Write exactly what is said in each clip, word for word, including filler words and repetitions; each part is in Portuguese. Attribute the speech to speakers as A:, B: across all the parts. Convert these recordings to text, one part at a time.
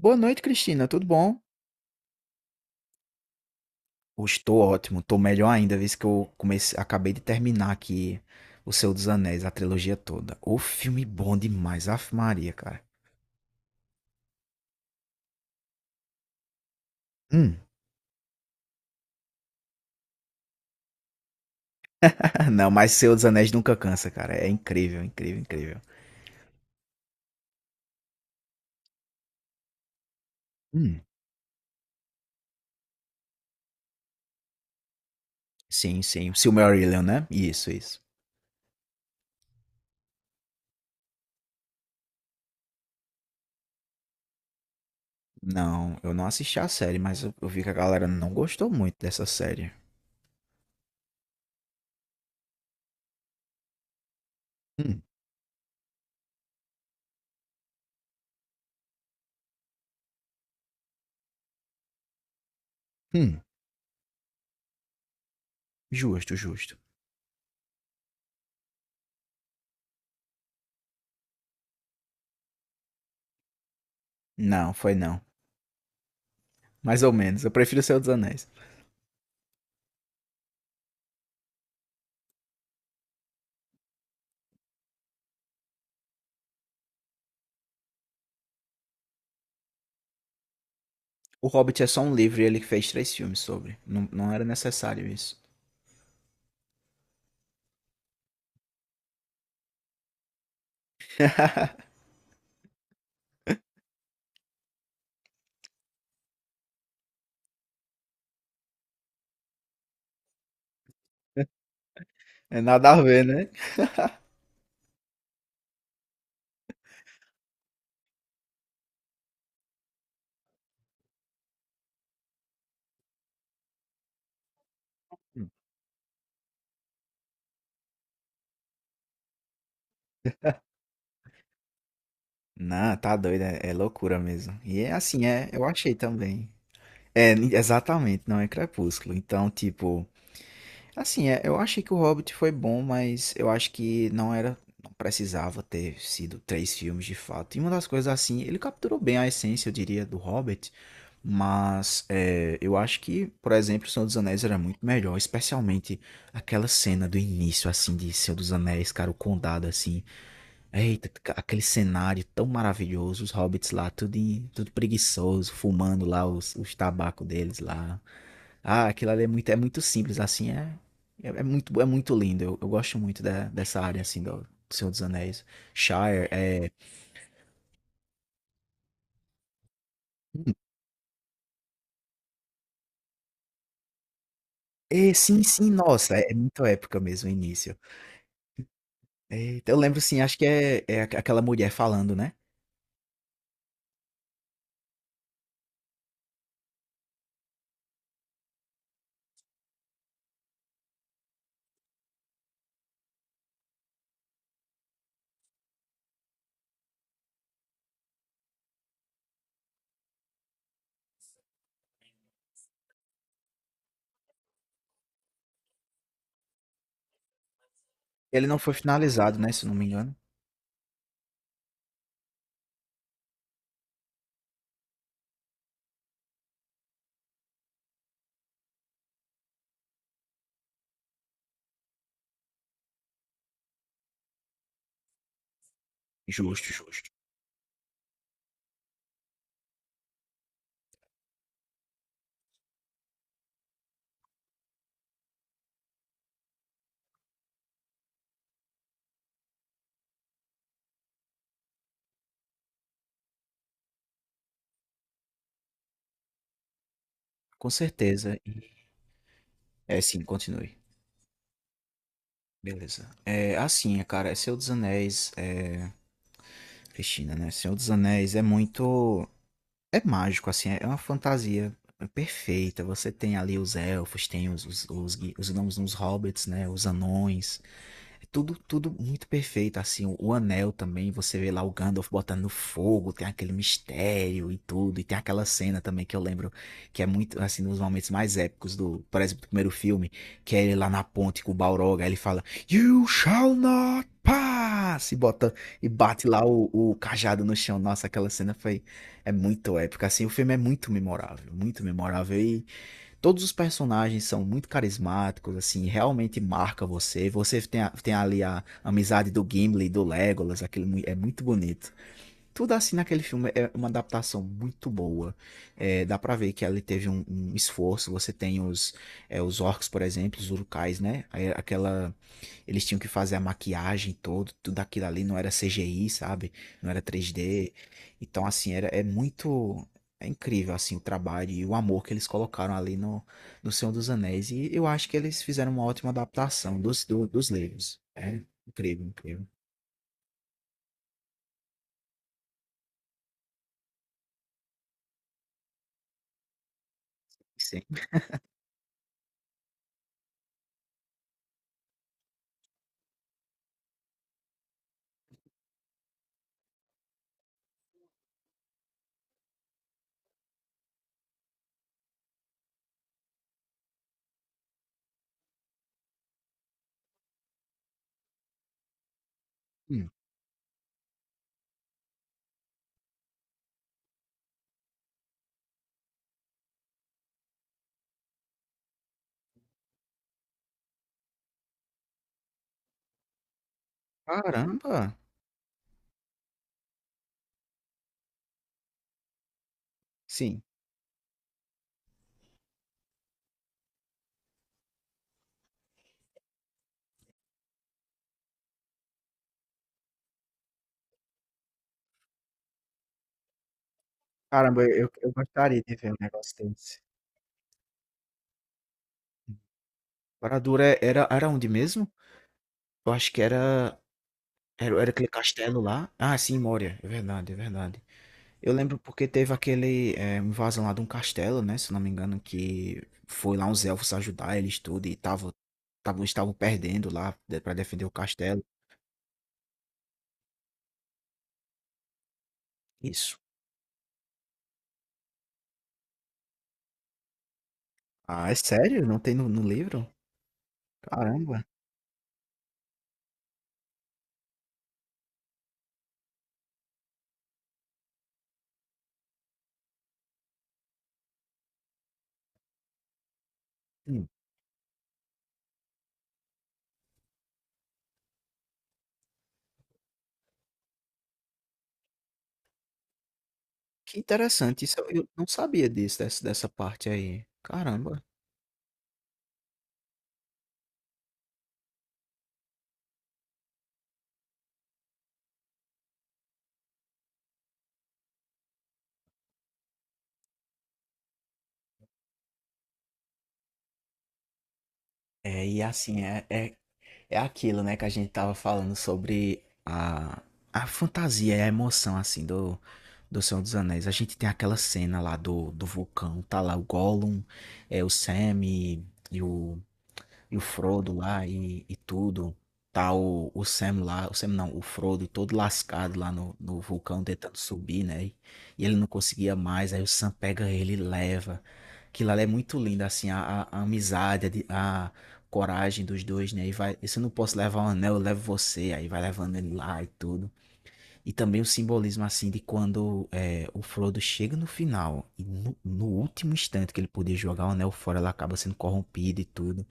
A: Boa noite, Cristina. Tudo bom? Eu estou ótimo. Estou melhor ainda, visto que eu comecei, acabei de terminar aqui O Senhor dos Anéis, a trilogia toda. O filme bom demais, Ave Maria, cara. Hum. Não, mas Senhor dos Anéis nunca cansa, cara. É incrível, incrível, incrível. Hum. Sim, sim. Silmarillion, né? Isso, isso. Não, eu não assisti a série, mas eu, eu vi que a galera não gostou muito dessa série. Hum. Hum. Justo, justo. Não, foi não. Mais ou menos. Eu prefiro O Senhor dos Anéis. O Hobbit é só um livro e ele fez três filmes sobre. Não, não era necessário isso. É nada a ver, né? Não, tá doido, é, é loucura mesmo. E é assim, é, eu achei também. É, exatamente, não é Crepúsculo. Então, tipo, assim, é, eu achei que o Hobbit foi bom, mas eu acho que não era, não precisava ter sido três filmes de fato. E uma das coisas assim, ele capturou bem a essência, eu diria, do Hobbit, mas é, eu acho que, por exemplo, o Senhor dos Anéis era muito melhor, especialmente aquela cena do início, assim, de Senhor dos Anéis, cara, o condado, assim, eita, ca- aquele cenário tão maravilhoso, os hobbits lá, tudo, em- tudo preguiçoso, fumando lá os, os tabacos deles lá. Ah, aquilo ali é muito, é muito simples, assim, é, é, é muito, é muito lindo. Eu, eu gosto muito da- dessa área, assim, do, do Senhor dos Anéis. Shire, é... É, sim, sim, nossa, é, é muito épica mesmo o início. É, então eu lembro, sim, acho que é, é aqu- aquela mulher falando, né? Ele não foi finalizado, né, se eu não me engano. Justo, justo. Com certeza. E- É, sim, continue. Beleza. É, assim, cara, é Senhor dos Anéis, é... Cristina, né? Senhor dos Anéis é muito... É mágico, assim, é uma fantasia perfeita. Você tem ali os elfos, tem os, os, os, gui- os gnomos, os hobbits, né? Os anões. É tudo, tudo muito perfeito, assim, o, o anel também, você vê lá o Gandalf botando no fogo, tem aquele mistério e tudo, e tem aquela cena também que eu lembro, que é muito, assim, um dos momentos mais épicos do, por exemplo, do primeiro filme, que é ele lá na ponte com o Balrog, aí ele fala, You shall not pass, e bota, e bate lá o, o cajado no chão, nossa, aquela cena foi, é muito épica, assim, o filme é muito memorável, muito memorável, e todos os personagens são muito carismáticos, assim, realmente marca você. Você tem, a- tem ali a amizade do Gimli, do Legolas, aquele mu- é muito bonito. Tudo assim naquele filme é uma adaptação muito boa. É, dá pra ver que ali teve um, um esforço. Você tem os, é, os orcs, por exemplo, os urukais, né? Aí aquela eles tinham que fazer a maquiagem todo, tudo aquilo ali não era C G I, sabe? Não era três D. Então, assim, era, é muito. É incrível, assim, o trabalho e o amor que eles colocaram ali no, no Senhor dos Anéis. E eu acho que eles fizeram uma ótima adaptação dos, do- dos livros. É incrível, incrível. Sim. Hum, caramba! Sim. Caramba, eu, eu gostaria de ver um negócio desse. Barad-dûr era, era onde mesmo? Eu acho que era, era, era aquele castelo lá. Ah, sim, Moria. É verdade, é verdade. Eu lembro porque teve aquele é, invasão lá de um castelo, né? Se eu não me engano, que foi lá uns elfos ajudar eles tudo e tava, tavam- estavam perdendo lá de- pra defender o castelo. Isso. Ah, é sério? Não tem no, no livro? Caramba. Hum, Que interessante. Isso eu eu não sabia disso, dessa, dessa parte aí. Caramba. É, e assim, é, é- É aquilo, né, que a gente tava falando sobre a, a fantasia e a emoção, assim, do, do Senhor dos Anéis. A gente tem aquela cena lá do, do vulcão, tá lá o Gollum, é, o Sam e, e o e o Frodo lá e, e tudo. Tá o, o Sam lá, o Sam não, o Frodo todo lascado lá no, no vulcão tentando subir, né? E, e ele não conseguia mais, aí o Sam pega ele e leva. Aquilo lá é muito lindo, assim, a, a- a amizade, a, di- a coragem dos dois, né? E vai, se eu não posso levar o anel, eu levo você, aí vai levando ele lá e tudo. E também o simbolismo, assim, de quando é, o Frodo chega no final e no, no último instante que ele podia jogar o anel fora, ele acaba sendo corrompido e tudo.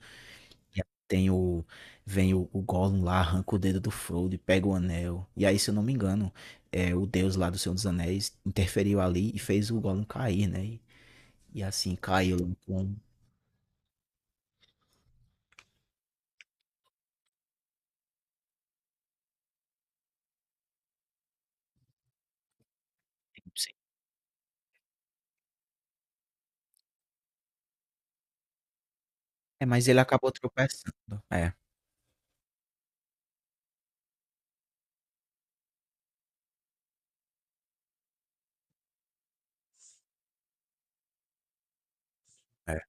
A: E aí tem o, vem o, o Gollum lá, arranca o dedo do Frodo e pega o anel. E aí, se eu não me engano, é, o Deus lá do Senhor dos Anéis interferiu ali e fez o Gollum cair, né? E, e assim, caiu. Lá com- não sei. É, mas ele acabou tropeçando. É, é.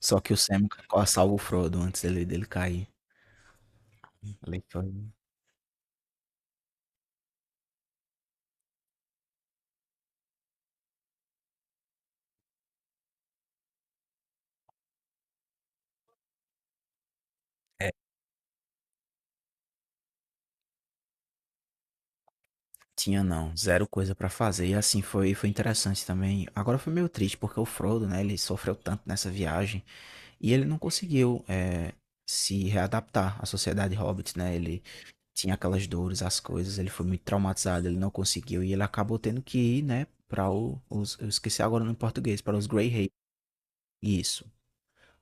A: Só que o Sam ca- salva o Frodo antes dele, dele cair. Ali foi... É, tinha não, zero coisa pra fazer. E assim, foi, foi interessante também. Agora foi meio triste, porque o Frodo, né, ele sofreu tanto nessa viagem. E ele não conseguiu é, se readaptar à sociedade hobbit, né? Ele tinha aquelas dores, as coisas, ele foi muito traumatizado, ele não conseguiu e ele acabou tendo que ir, né, para os eu esqueci agora no português, para os Grey Hay, isso,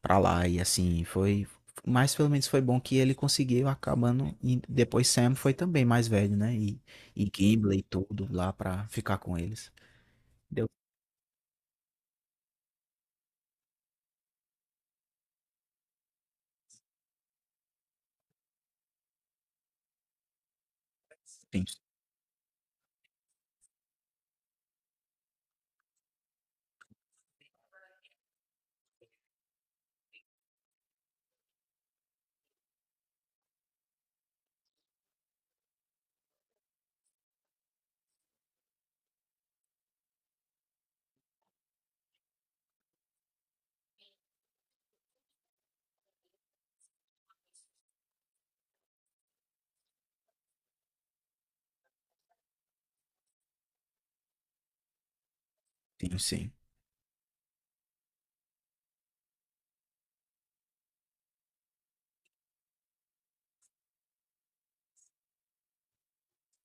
A: para lá e assim, foi mas pelo menos foi bom que ele conseguiu acabando e depois Sam foi também mais velho, né? E e Gimli e tudo lá para ficar com eles. Deu sim, sim, sim.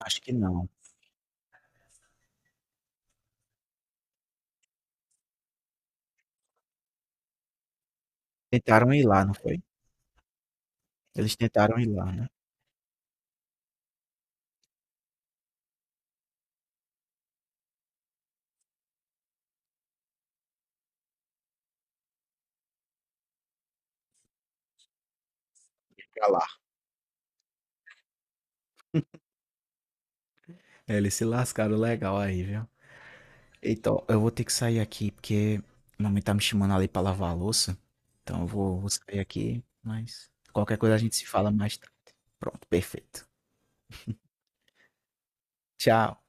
A: Acho que não. Tentaram ir lá, não foi? Eles tentaram ir lá, né? Pra lá. É, eles se lascaram legal aí, viu? Então, eu vou ter que sair aqui porque a mamãe tá me chamando ali pra lavar a louça. Então, eu vou, vou sair aqui, mas qualquer coisa a gente se fala mais tarde. Pronto, perfeito. Tchau.